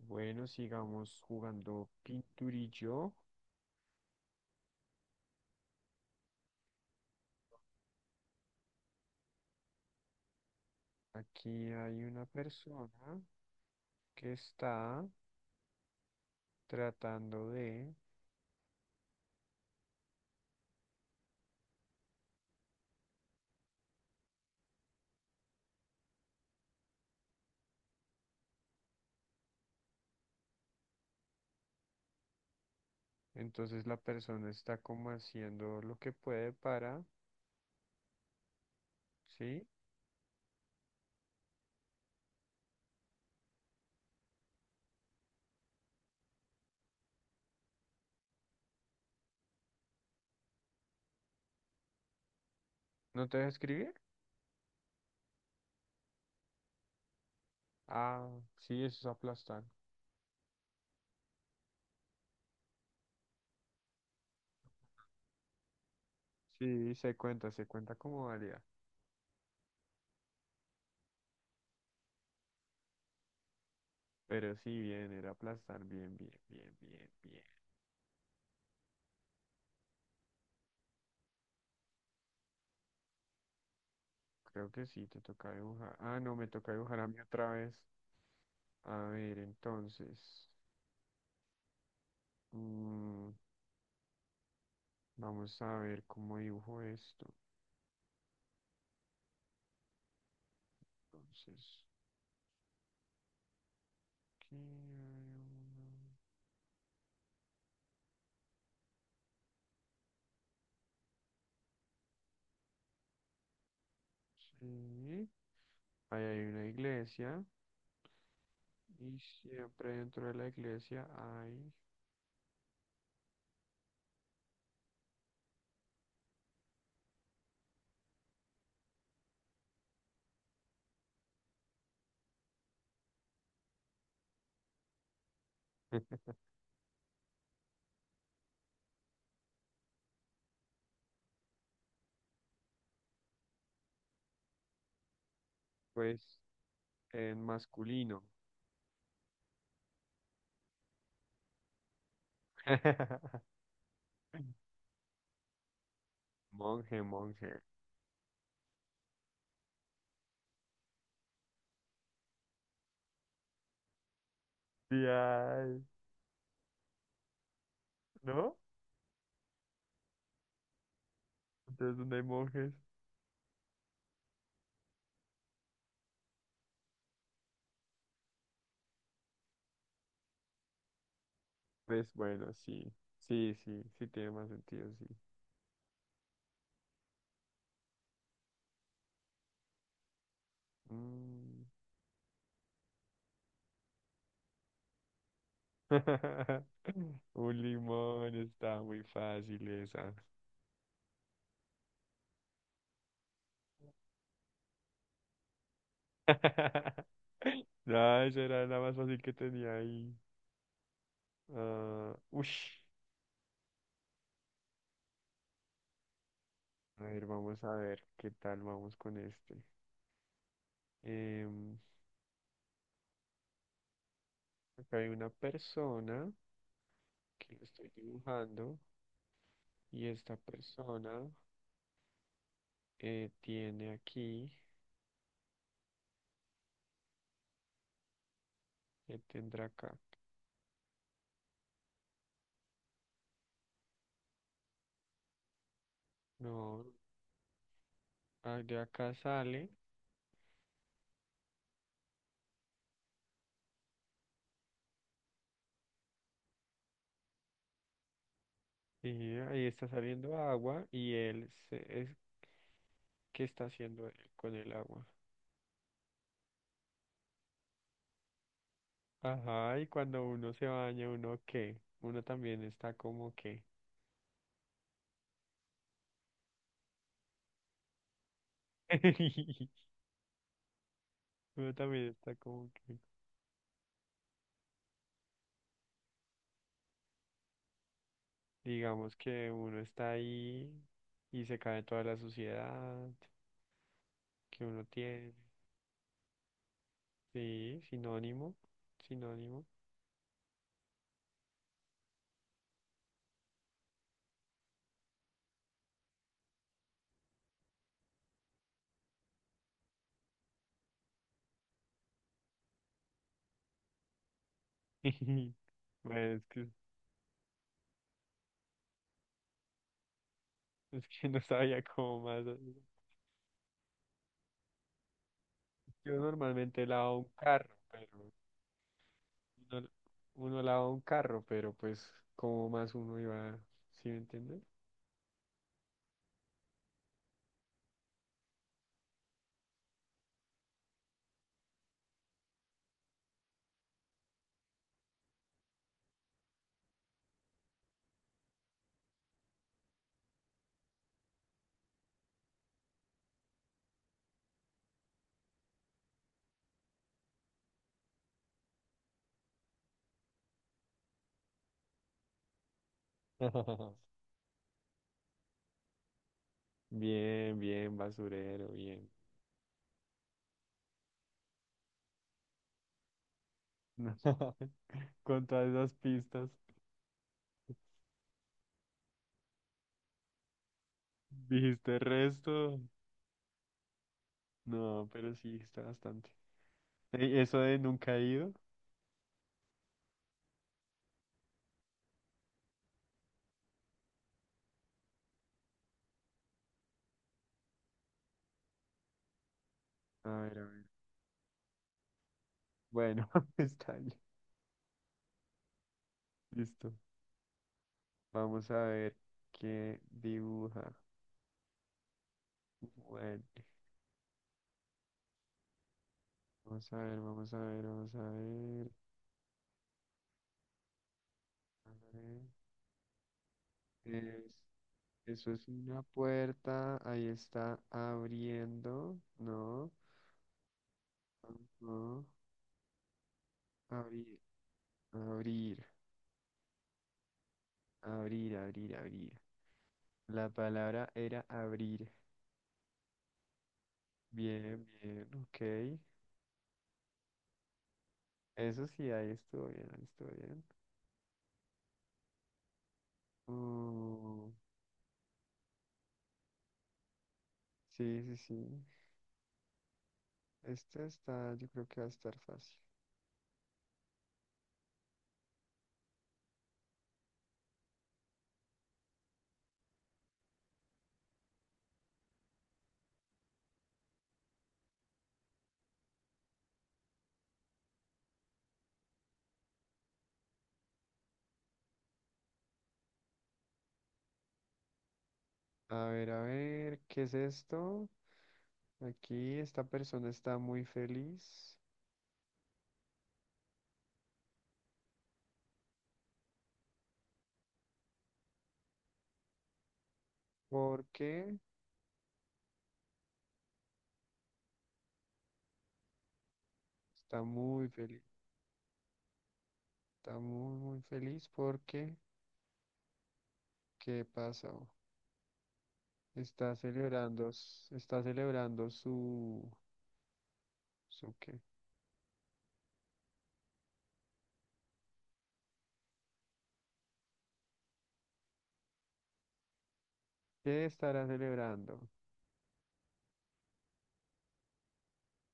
Bueno, sigamos jugando pinturillo. Aquí hay una persona que está tratando de... Entonces la persona está como haciendo lo que puede para... ¿Sí? ¿No te deja escribir? Ah, sí, eso es aplastar. Sí, se cuenta como válida. Pero sí, bien, era aplastar. Bien, bien, bien, bien, bien. Creo que sí, te toca dibujar. Ah, no, me toca dibujar a mí otra vez. A ver, entonces. mm, Vamos a ver cómo dibujo esto. Entonces, aquí hay una... sí, ahí hay una iglesia y siempre dentro de la iglesia hay, pues, en masculino. Monje, monje. Sí hay, ¿no? Entonces, ¿dónde hay monjes? Pues bueno, sí. Sí, sí, sí tiene más sentido, sí. Mm. Un limón está muy fácil esa. No, eso era la más fácil que tenía ahí. Ah, ush. A ver, vamos a ver qué tal vamos con este. Em, Acá hay una persona que lo estoy dibujando y esta persona tiene aquí, ¿qué tendrá acá? No, ah, de acá sale y ahí está saliendo agua y él es, ¿qué está haciendo él con el agua? Ajá, y cuando uno se baña, ¿uno qué? Uno también está como que. Uno también está como que. Digamos que uno está ahí y se cae toda la suciedad que uno tiene. Sí, sinónimo, sinónimo. Bueno, es que no sabía cómo más. Yo normalmente lavo un carro, pero uno, uno lava un carro, pero pues como más uno iba, ¿sí me entiendes? Bien, bien, basurero, bien. Con todas esas pistas. ¿Dijiste resto? No, pero sí, está bastante. Ey, eso de nunca he ido. A ver, a ver. Bueno, está bien. Listo. Vamos a ver qué dibuja. Bueno, vamos a ver, vamos a ver, vamos a ver. A ver. Es- eso es una puerta. Ahí está abriendo. No. No. Abrir. Abrir. Abrir, abrir, abrir. La palabra era abrir. Bien, bien, ok. Eso sí, ahí estuvo bien, ahí estuvo bien. Mm, sí, sí, sí. Este está, yo creo que va a estar fácil. A ver, ¿qué es esto? Aquí esta persona está muy feliz porque está muy feliz. Está muy, muy feliz porque, ¿qué pasó? Está celebrando, está celebrando su, ¿su qué? ¿Qué estará celebrando?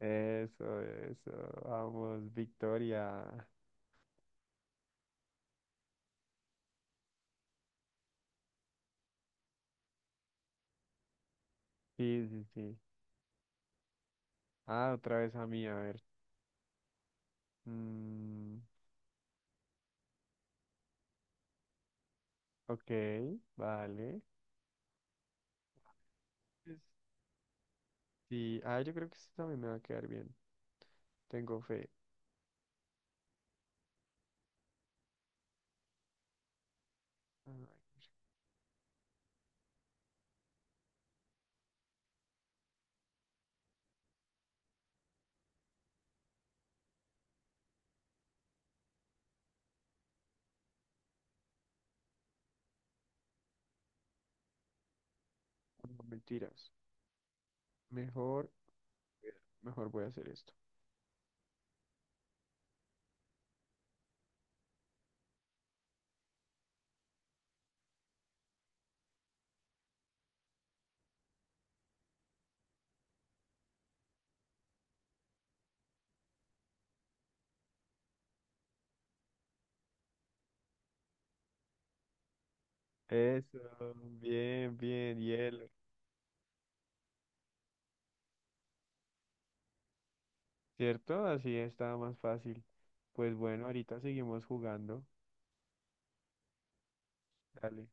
Eso, eso. Vamos, Victoria. Sí, sí, sí. Ah, otra vez a mí, a ver. Mm, ok, vale. Pues, sí, ah, yo creo que esto también me va a quedar bien. Tengo fe. Ay, no, mentiras. Mejor, mejor voy a hacer esto. Eso, bien, bien, hielo. ¿Cierto? Así está más fácil. Pues bueno, ahorita seguimos jugando. Dale,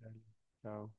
dale. Chao.